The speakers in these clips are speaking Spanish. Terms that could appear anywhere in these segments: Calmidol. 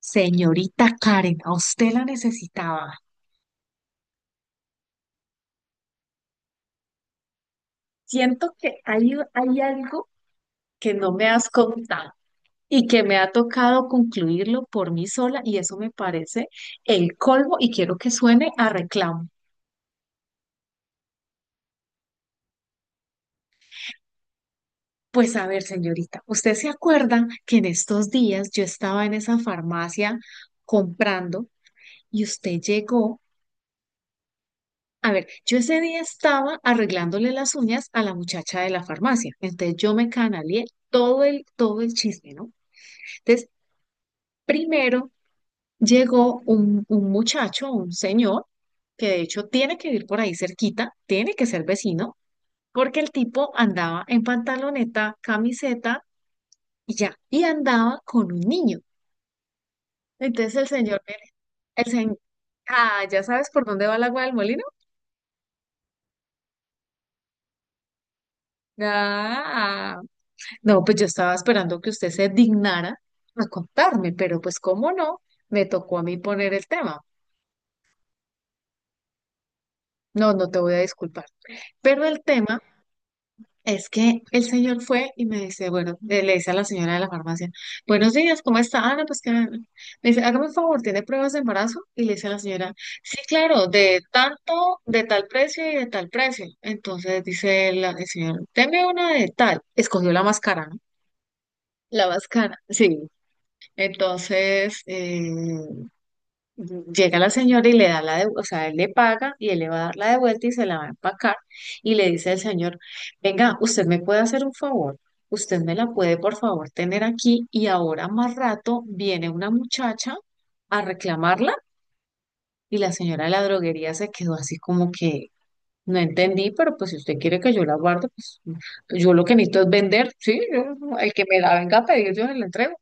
Señorita Karen, a usted la necesitaba. Siento que hay algo que no me has contado y que me ha tocado concluirlo por mí sola, y eso me parece el colmo, y quiero que suene a reclamo. Pues a ver, señorita, ¿usted se acuerda que en estos días yo estaba en esa farmacia comprando y usted llegó? A ver, yo ese día estaba arreglándole las uñas a la muchacha de la farmacia, entonces yo me canalié todo el chisme, ¿no? Entonces, primero llegó un muchacho, un señor, que de hecho tiene que vivir por ahí cerquita, tiene que ser vecino, porque el tipo andaba en pantaloneta, camiseta y ya, y andaba con un niño. Entonces el señor, ah, ¿ya sabes por dónde va el agua del molino? Ah, no, pues yo estaba esperando que usted se dignara a contarme, pero pues cómo no, me tocó a mí poner el tema. No, no te voy a disculpar. Pero el tema... Es que el señor fue y me dice, bueno, le dice a la señora de la farmacia, buenos días, ¿cómo está, Ana?, pues que me dice, hágame un favor, ¿tiene pruebas de embarazo? Y le dice a la señora, sí, claro, de tanto, de tal precio y de tal precio. Entonces dice el señor, deme una de tal. Escogió la máscara, ¿no? La máscara, sí. Entonces, llega la señora y le da la de, o sea, él le paga y él le va a dar la de vuelta y se la va a empacar, y le dice al señor, venga, usted me puede hacer un favor, usted me la puede por favor tener aquí, y ahora más rato viene una muchacha a reclamarla. Y la señora de la droguería se quedó así como que no entendí, pero pues si usted quiere que yo la guarde, pues yo lo que necesito es vender, sí, yo... el que me la venga a pedir yo se la entrego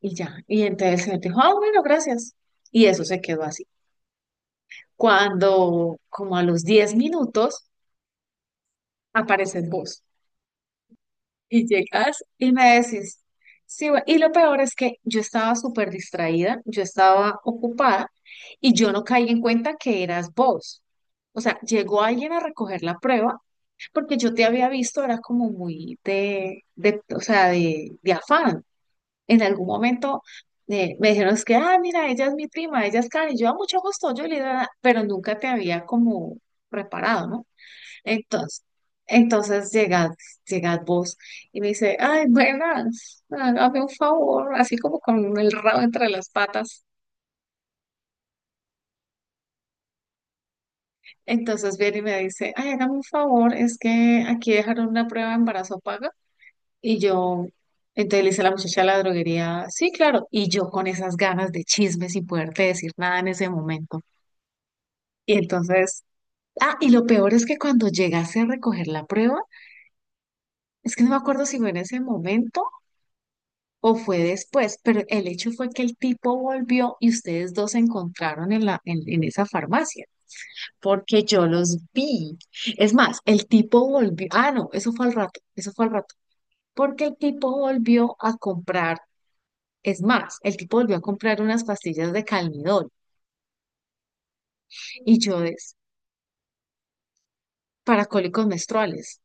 y ya. Y entonces el señor dijo, ah, bueno, gracias. Y eso se quedó así. Cuando, como a los 10 minutos, apareces vos y llegas y me decís, sí, y lo peor es que yo estaba súper distraída, yo estaba ocupada y yo no caí en cuenta que eras vos. O sea, llegó alguien a recoger la prueba porque yo te había visto, era como muy de, o sea, de afán. En algún momento, me dijeron, es que, ah, mira, ella es mi prima, ella es Karen, y yo, a mucho gusto, yo le... pero nunca te había como preparado, ¿no? Entonces, entonces llegad, llegad vos y me dice, ay, buenas, hágame un favor, así como con el rabo entre las patas. Entonces viene y me dice, ay, hágame un favor, es que aquí dejaron una prueba de embarazo paga. Y yo... entonces le dice la muchacha de la droguería, sí, claro. Y yo con esas ganas de chisme sin poderte decir nada en ese momento. Y entonces, ah, y lo peor es que cuando llegase a recoger la prueba, es que no me acuerdo si fue en ese momento o fue después, pero el hecho fue que el tipo volvió y ustedes dos se encontraron en en esa farmacia, porque yo los vi. Es más, el tipo volvió, ah, no, eso fue al rato, eso fue al rato, porque el tipo volvió a comprar, es más, el tipo volvió a comprar unas pastillas de Calmidol, y yo, es para cólicos menstruales.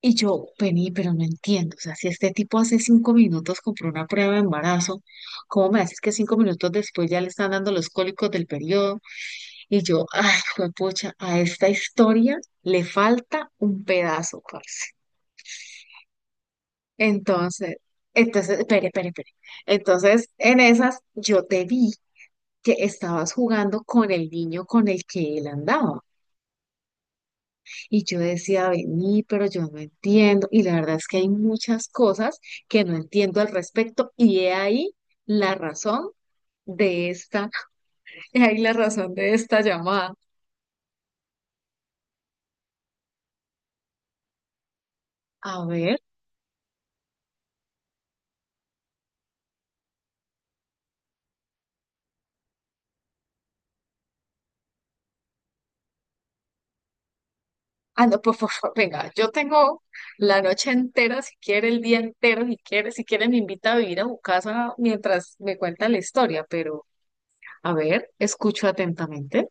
Y yo, vení, pero no entiendo, o sea, si este tipo hace 5 minutos compró una prueba de embarazo, ¿cómo me haces que 5 minutos después ya le están dando los cólicos del periodo? Y yo, ay, pucha, a esta historia le falta un pedazo, parce. Entonces, entonces, espere, espere, espere. Entonces, en esas, yo te vi que estabas jugando con el niño con el que él andaba. Y yo decía, vení, pero yo no entiendo. Y la verdad es que hay muchas cosas que no entiendo al respecto. Y he ahí la razón de esta, he ahí la razón de esta llamada. A ver. Ah, no, por favor, venga, yo tengo la noche entera, si quiere, el día entero, si quiere, si quiere, me invita a vivir a su casa mientras me cuenta la historia, pero a ver, escucho atentamente.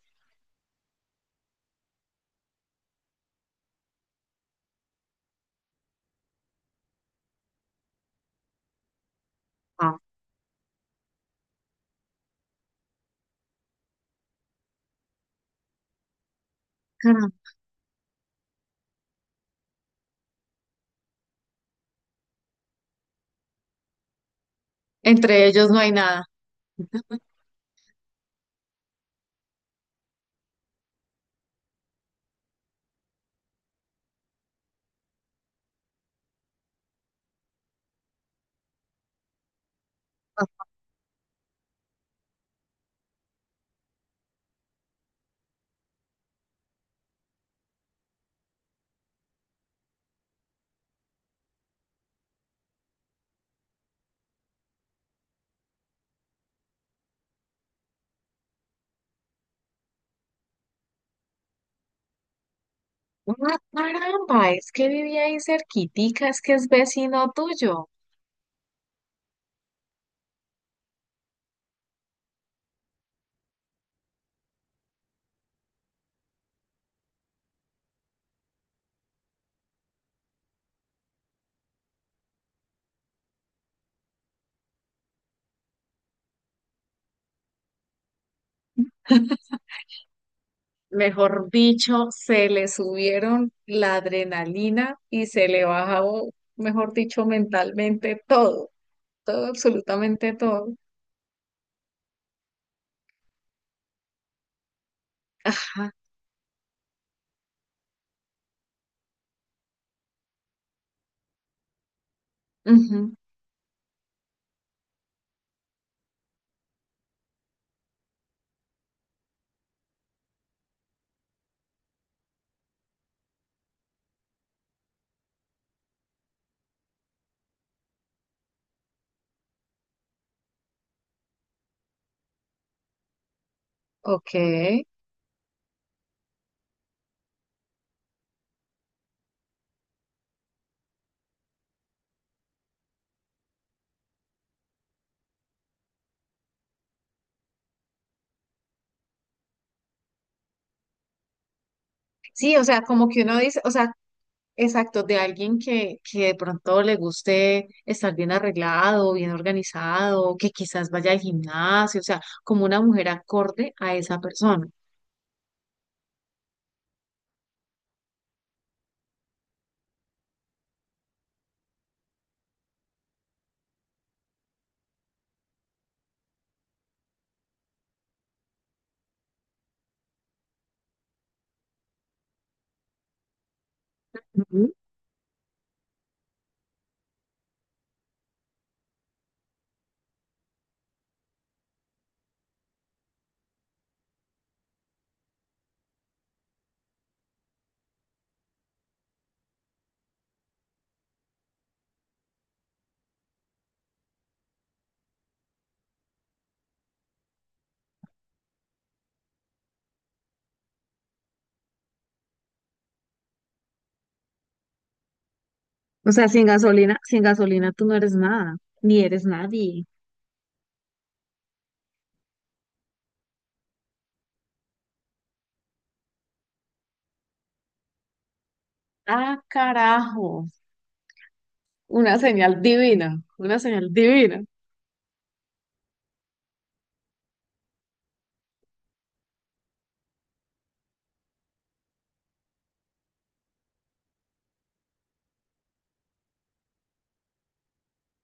Ah, caramba. Entre ellos no hay nada. Ah, caramba, es que vivía ahí cerquitica, es que es vecino tuyo. Mejor dicho, se le subieron la adrenalina y se le bajó, mejor dicho, mentalmente todo, todo, absolutamente todo. Ajá. Ujú. Ok. Sí, o sea, como que uno dice, o sea, exacto, de alguien que de pronto le guste estar bien arreglado, bien organizado, que quizás vaya al gimnasio, o sea, como una mujer acorde a esa persona. Ujú. O sea, sin gasolina, sin gasolina tú no eres nada, ni eres nadie. Ah, carajo. Una señal divina, una señal divina.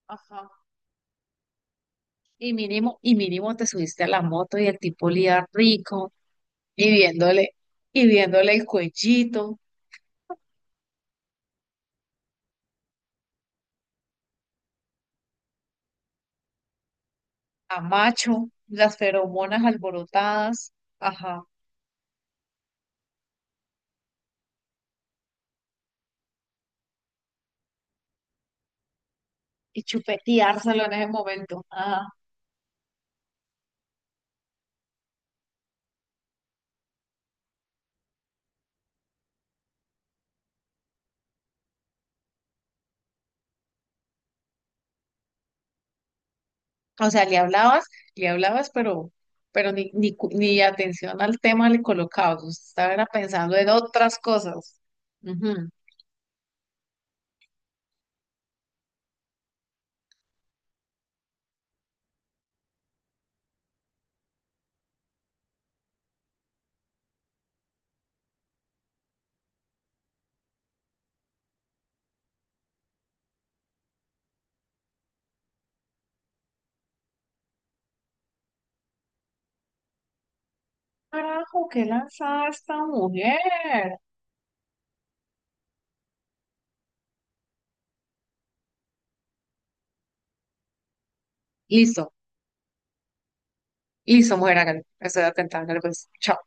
Ajá. Y mínimo te subiste a la moto y el tipo olía rico, y viéndole, y viéndole el cuellito. A macho, las feromonas alborotadas, ajá, y chupeteárselo en ese momento, ajá. O sea, le hablabas, pero ni atención al tema le colocabas, usted estaba era pensando en otras cosas. Ujú. Carajo, qué lanzada esta mujer. Listo, listo, mujer, hágale, estoy atentada, hágale, pues, chao.